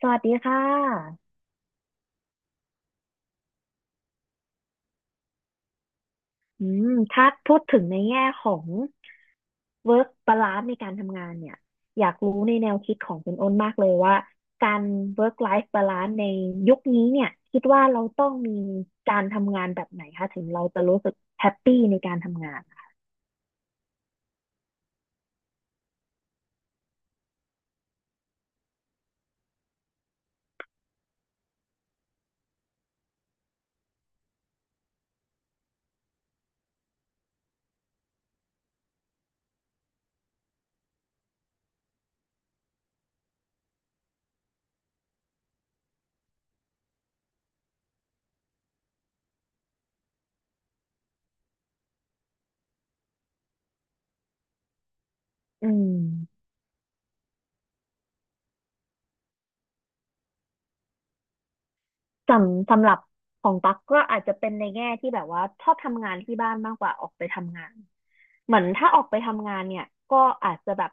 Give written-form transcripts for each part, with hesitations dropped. สวัสดีค่ะถ้าพูดถึงในแง่ของ work balance ในการทำงานเนี่ยอยากรู้ในแนวคิดของคุณอ้นมากเลยว่าการ work life balance ในยุคนี้เนี่ยคิดว่าเราต้องมีการทำงานแบบไหนคะถึงเราจะรู้สึกแฮปปี้ในการทำงานอืม สำหรับของตั๊กก็อาจจะเป็นในแง่ที่แบบว่าชอบทำงานที่บ้านมากกว่าออกไปทำงานเหมือนถ้าออกไปทำงานเนี่ยก็อาจจะแบบ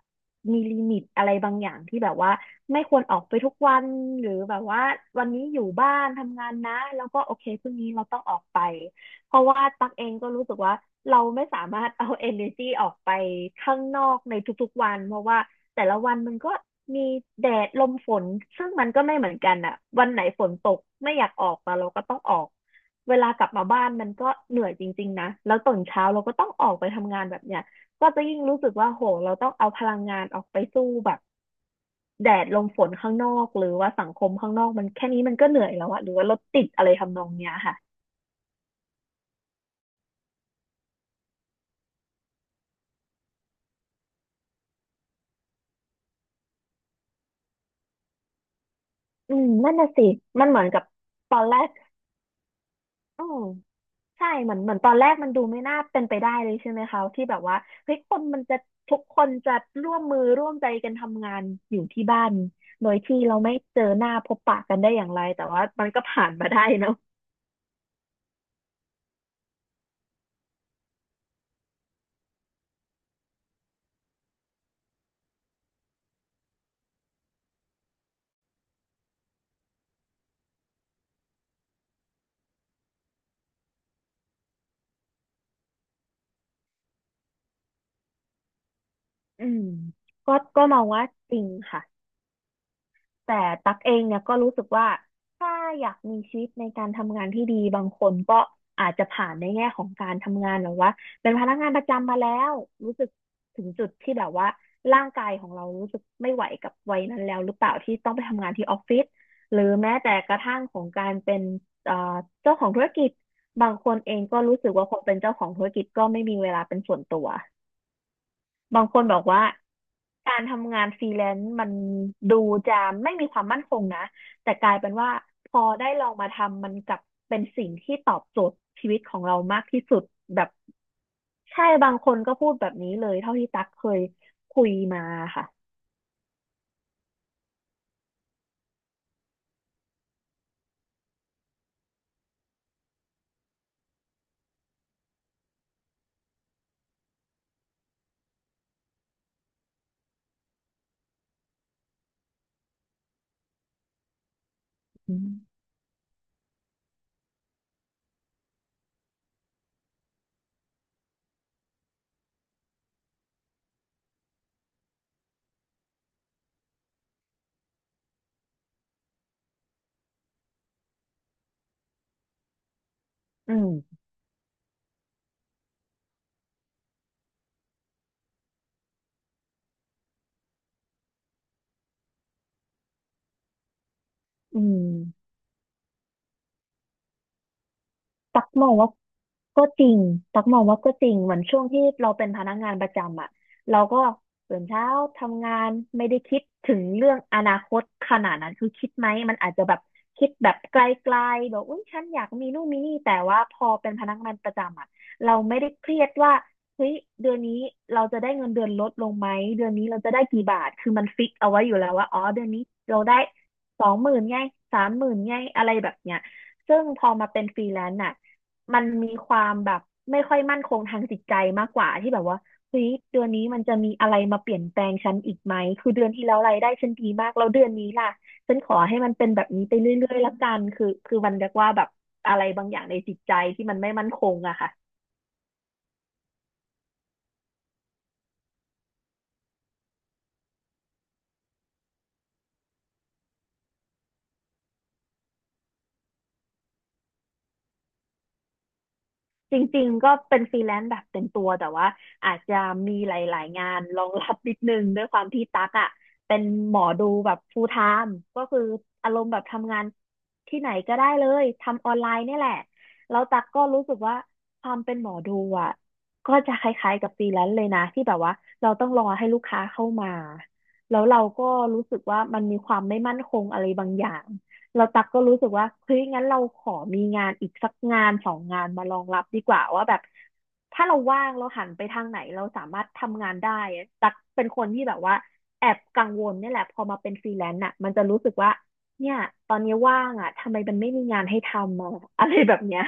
มีลิมิตอะไรบางอย่างที่แบบว่าไม่ควรออกไปทุกวันหรือแบบว่าวันนี้อยู่บ้านทำงานนะแล้วก็โอเคพรุ่งนี้เราต้องออกไปเพราะว่าตั๊กเองก็รู้สึกว่าเราไม่สามารถเอา energy ออกไปข้างนอกในทุกๆวันเพราะว่า แต่ละวันมันก็มีแดดลมฝนซึ่งมันก็ไม่เหมือนกันอ่ะวันไหนฝนตกไม่อยากออกแต่เราก็ต้องออกเวลากลับมาบ้านมันก็เหนื่อยจริงๆนะแล้วตื่นเช้าเราก็ต้องออกไปทำงานแบบเนี้ยก็จะยิ่งรู้สึกว่าโหเราต้องเอาพลังงานออกไปสู้แบบแดดลมฝนข้างนอกหรือว่าสังคมข้างนอกมันแค่นี้มันก็เหนื่อยแล้วอะหรือว่ารถติดอะไรทำนองเนี้ยค่ะอืมนั่นน่ะสิมันเหมือนกับตอนแรกอืม ใช่เหมือนตอนแรกมันดูไม่น่าเป็นไปได้เลยใช่ไหมคะที่แบบว่าเฮ้ยคนมันจะทุกคนจะร่วมมือร่วมใจกันทำงานอยู่ที่บ้านโดยที่เราไม่เจอหน้าพบปะกันได้อย่างไรแต่ว่ามันก็ผ่านมาได้เนอะอืมก็มองว่าจริงค่ะ แต่ตักเองเนี่ยก็รู้สึกว่าถ้าอยากมีชีวิตในการทำงานที่ดีบางคนก็อาจจะผ่านในแง่ของการทำงานแบบว่าเป็นพนักงานประจำมาแล้วรู้สึกถึงจุดที่แบบว่าร่างกายของเรารู้สึกไม่ไหวกับวัยนั้นแล้วหรือเปล่าที่ต้องไปทำงานที่ออฟฟิศหรือแม้แต่กระทั่งของการเป็นเอ่อเจ้าของธุรกิจบางคนเองก็รู้สึกว่าพอเป็นเจ้าของธุรกิจก็ไม่มีเวลาเป็นส่วนตัวบางคนบอกว่า การทำงานฟรีแลนซ์มันดูจะไม่มีความมั่นคงนะ แต่กลายเป็นว่าพอได้ลองมาทำมันกลับเป็นสิ่งที่ตอบโจทย์ชีวิตของเรามากที่สุดแบบใช่บางคนก็พูดแบบนี้เลยเท่าที่ตักเคยคุยมาค่ะอืมอืมอืม ตักมองว่าก็จริงตักมองว่าก็จริงเหมือนช่วงที่เราเป็นพนักงานประจำอ่ะเราก็ตื่นเช้าทำงานไม่ได้คิดถึงเรื่องอนาคตขนาดนั้นคือคิดไหม มันอาจจะแบบคิดแบบไกลๆแบบอุ้ยฉันอยากมีนู่นมีนี่แต่ว่าพอเป็นพนักงานประจำอ่ะเราไม่ได้เครียดว่าเฮ้ยเดือนนี้เราจะได้เงินเดือนลดลงไหมเดือนนี้เราจะได้กี่บาทคือมันฟิกเอาไว้อยู่แล้วว่าอ๋อเดือนนี้เราได้20,000ไง30,000ไงอะไรแบบเนี้ย ซึ่งพอมาเป็นฟรีแลนซ์น่ะมันมีความแบบไม่ค่อยมั่นคงทางจิตใจมากกว่าที่แบบว่าเฮ้ยเดือนนี้มันจะมีอะไรมาเปลี่ยนแปลงฉันอีกไหมคือเดือนที่แล้วรายได้ฉันดีมากแล้วเดือนนี้ล่ะฉันขอให้มันเป็นแบบนี้ไปเรื่อยๆละกันคือมันเรียกว่าแบบอะไรบางอย่างในจิตใจที่มันไม่มั่นคงอะค่ะ จริงๆ ก็เป็นฟรีแลนซ์แบบเต็มตัวแต่ว่าอาจจะมีหลายๆงานรองรับนิดนึงด้วยความที่ตั๊กอ่ะเป็นหมอดูแบบ full time ก็คืออารมณ์แบบทำงานที่ไหนก็ได้เลยทำออนไลน์เนี่ยแหละแล้วตั๊กก็รู้สึกว่าความเป็นหมอดูอ่ะก็จะคล้ายๆกับฟรีแลนซ์เลยนะที่แบบว่าเราต้องรอให้ลูกค้าเข้ามาแล้วเราก็รู้สึกว่ามันมีความไม่มั่นคงอะไรบางอย่าง เราตักก็รู้สึกว่าเฮ้ยงั้นเราขอมีงานอีกสักงานสองงานมารองรับดีกว่าว่าแบบถ้าเราว่างเราหันไปทางไหนเราสามารถทำงานได้อะตักเป็นคนที่แบบว่าแอบกังวลเนี่ยแหละพอมาเป็นฟรีแลนซ์อ่ะมันจะรู้สึกว่าเนี่ยตอนนี้ว่างอ่ะทำไมมันไม่มีงานให้ทำอะอะไรแบบเนี้ย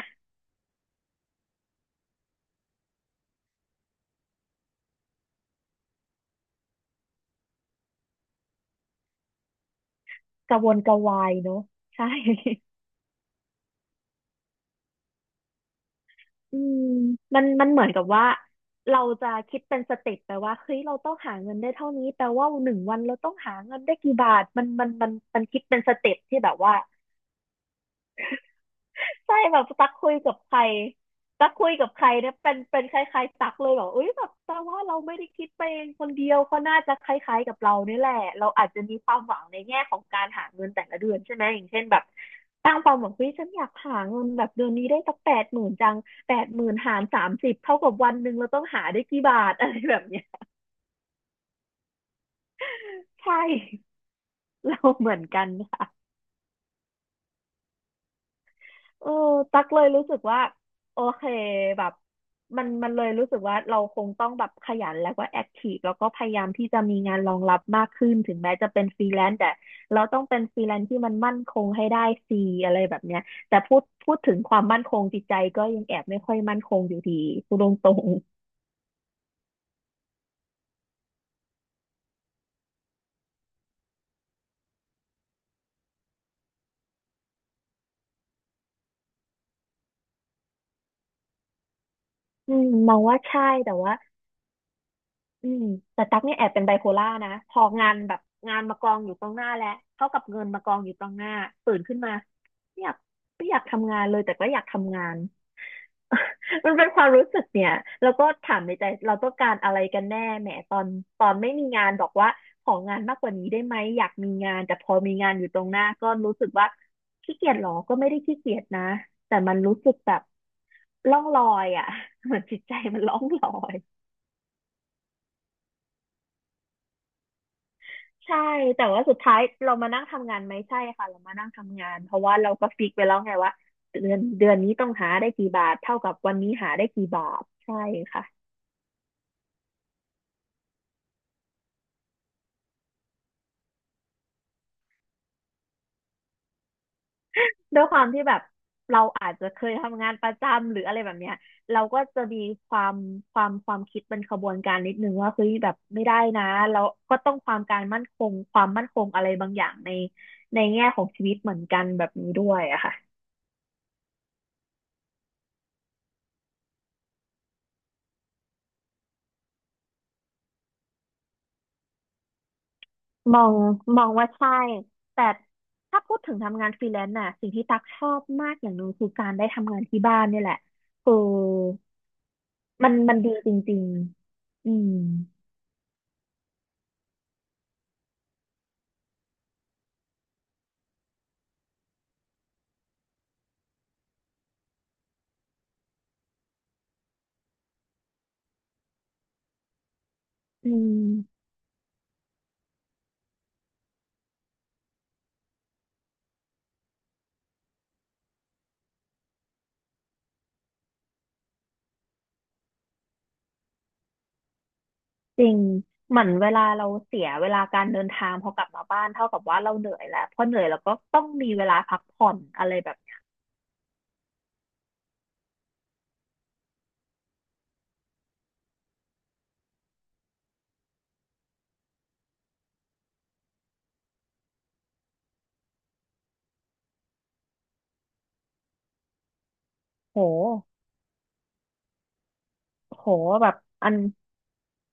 กระวนกระวายเนอะใช่ อืมมันเหมือนกับว่าเราจะคิดเป็นสเต็ปแปลว่าเฮ้ยเราต้องหาเงินได้เท่านี้แปลว่าหนึ่งวันเราต้องหาเงินได้กี่บาทมันคิดเป็นสเต็ปที่แบบว่า ใช่แบบตักคุยกับใครตักคุยกับใครเนี่ยเป็นคล้ายๆตักเลยแบบเอ้ยแบบแต่ว่าเราไม่ได้คิดไปเองคนเดียวเขาน่าจะคล้ายๆกับเราเนี่ยแหละเราอาจจะมีความหวังในแง่ของการหาเงินแต่ละเดือนใช่ไหมอย่างเช่นแบบตั้งความหวังว่าฉันอยากหาเงินแบบเดือนนี้ได้สักแปดหมื่นจังแปดหมื่นหารสามสิบเท่ากับวันหนึ่งเราต้องหาได้กี่บาทอะไรแบบเนี้ยใช่เราเหมือนกันค่ะ เออตักเลยรู้สึกว่าโอเคแบบมันเลยรู้สึกว่าเราคงต้องแบบขยันแล้วก็แอคทีฟแล้วก็พยายามที่จะมีงานรองรับมากขึ้นถึงแม้จะเป็นฟรีแลนซ์แต่เราต้องเป็นฟรีแลนซ์ที่มันมั่นคงให้ได้ซีอะไรแบบเนี้ยแต่พูดถึงความมั่นคงจิตใจก็ยังแอบไม่ค่อยมั่นคงอยู่ดีพูดตรงๆอืมมองว่าใช่แต่ว่า อืมแต่ตั๊กเนี่ยแอบเป็นไบโพล่านะพองานแบบงานมากองอยู่ตรงหน้าแล้วเท่ากับเงินมากองอยู่ตรงหน้าตื่นขึ้นมาไม่อยากไม่อยากทำงานเลยแต่ก็อยากทำงาน มันเป็นความรู้สึกเนี่ยแล้วก็ถามในใจเราต้องการอะไรกันแน่แหมตอนตอนไม่มีงานบอกว่าของานมากกว่านี้ได้ไหมอยากมีงานแต่พอมีงานอยู่ตรงหน้าก็รู้สึกว่าขี้เกียจหรอก็ไม่ได้ขี้เกียจนะแต่มันรู้สึกแบบล่องลอยอ่ะ เหมือนจิตใจมันล่องลอย ใช่แต่ว่าสุดท้ายเรามานั่งทำงานไหมใช่ค่ะเรามานั่งทำงานเพราะว่าเราก็ฟิกไปแล้วไงว่าเดือนนี้ต้องหาได้กี่บาทเท่ากับวันนี้หาได้กี่บาทใช่ค่ะด้วยความที่แบบเราอาจจะเคยทำงานประจำหรืออะไรแบบเนี้ยเราก็จะมีความความคิดเป็นขบวนการนิดนึงว่าเฮ้ยแบบไม่ได้นะเราก็ต้องความการมั่นคงความมั่นคงอะไรบางอย่างในในแง่ของชีวิตเหมือนกันแบบนี้ด้วยอะค่ะ มองมองว่าใช่ แต่ถ้าพูดถึงทำงานฟรีแลนซ์น่ะสิ่งที่ตักชอบมากอย่างหนึ่งคือการได้ทำงานที่บ้านเนี่ยแหละคือมันดีจริงๆอืมจริงเหมือนเวลาเราเสียเวลาการเดินทางพอกลับมาบ้านเท่ากับว่าเราเหนื่อยแล้วพอเหนื่อยเราก็ต้องมีเวลาพักผ่อนอะไรแบบเนี้ยโหโหแบบอัน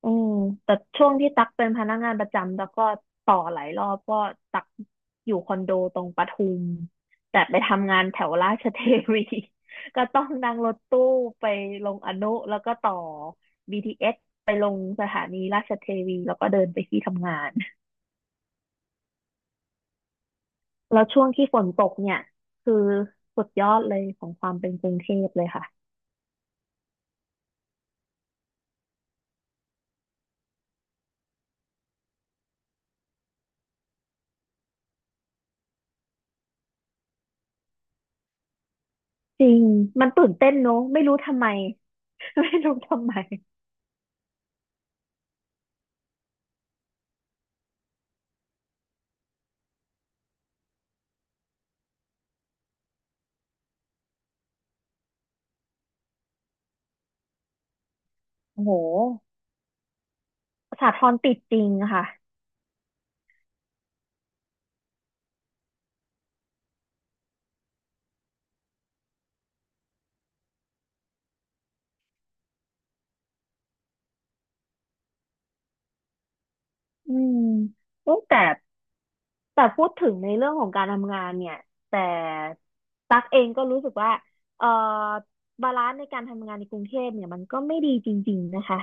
อืมแต่ช่วงที่ตักเป็นพนักงานประจำแล้วก็ต่อหลายรอบก็ตักอยู่คอนโดตรงปทุมแต่ไปทำงานแถวราชเทวี ก็ต้องนั่งรถตู้ไปลงอนุแล้วก็ต่อ BTS ไปลงสถานีราชเทวีแล้วก็เดินไปที่ทำงานแล้วช่วงที่ฝนตกเนี่ยคือสุดยอดเลยของความเป็นกรุงเทพเลยค่ะจริงมันตื่นเต้นเนอะไม่รู้ทำไม ไม่รู้ทำไมโอ้โหสาทรติดจริงค่ะ อืมเอ้ยแต่แต่พูดถึงในเรื่องของการทำงานเนี่ยแต่ตั๊กเองก็รู้สึกว่าเอ่อบาลานซ์ในการทำงานในกรุงเทพเนี่ยมันก็ไม่ดีจริงๆนะคะ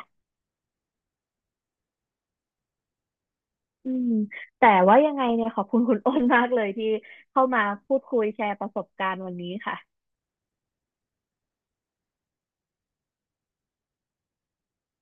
อืมแต่ว่ายังไงเนี่ยขอบคุณคุณอ้นมากเลยที่เข้ามาพูดคุยแชร์ประสบการณ์วันนี้ค่ะ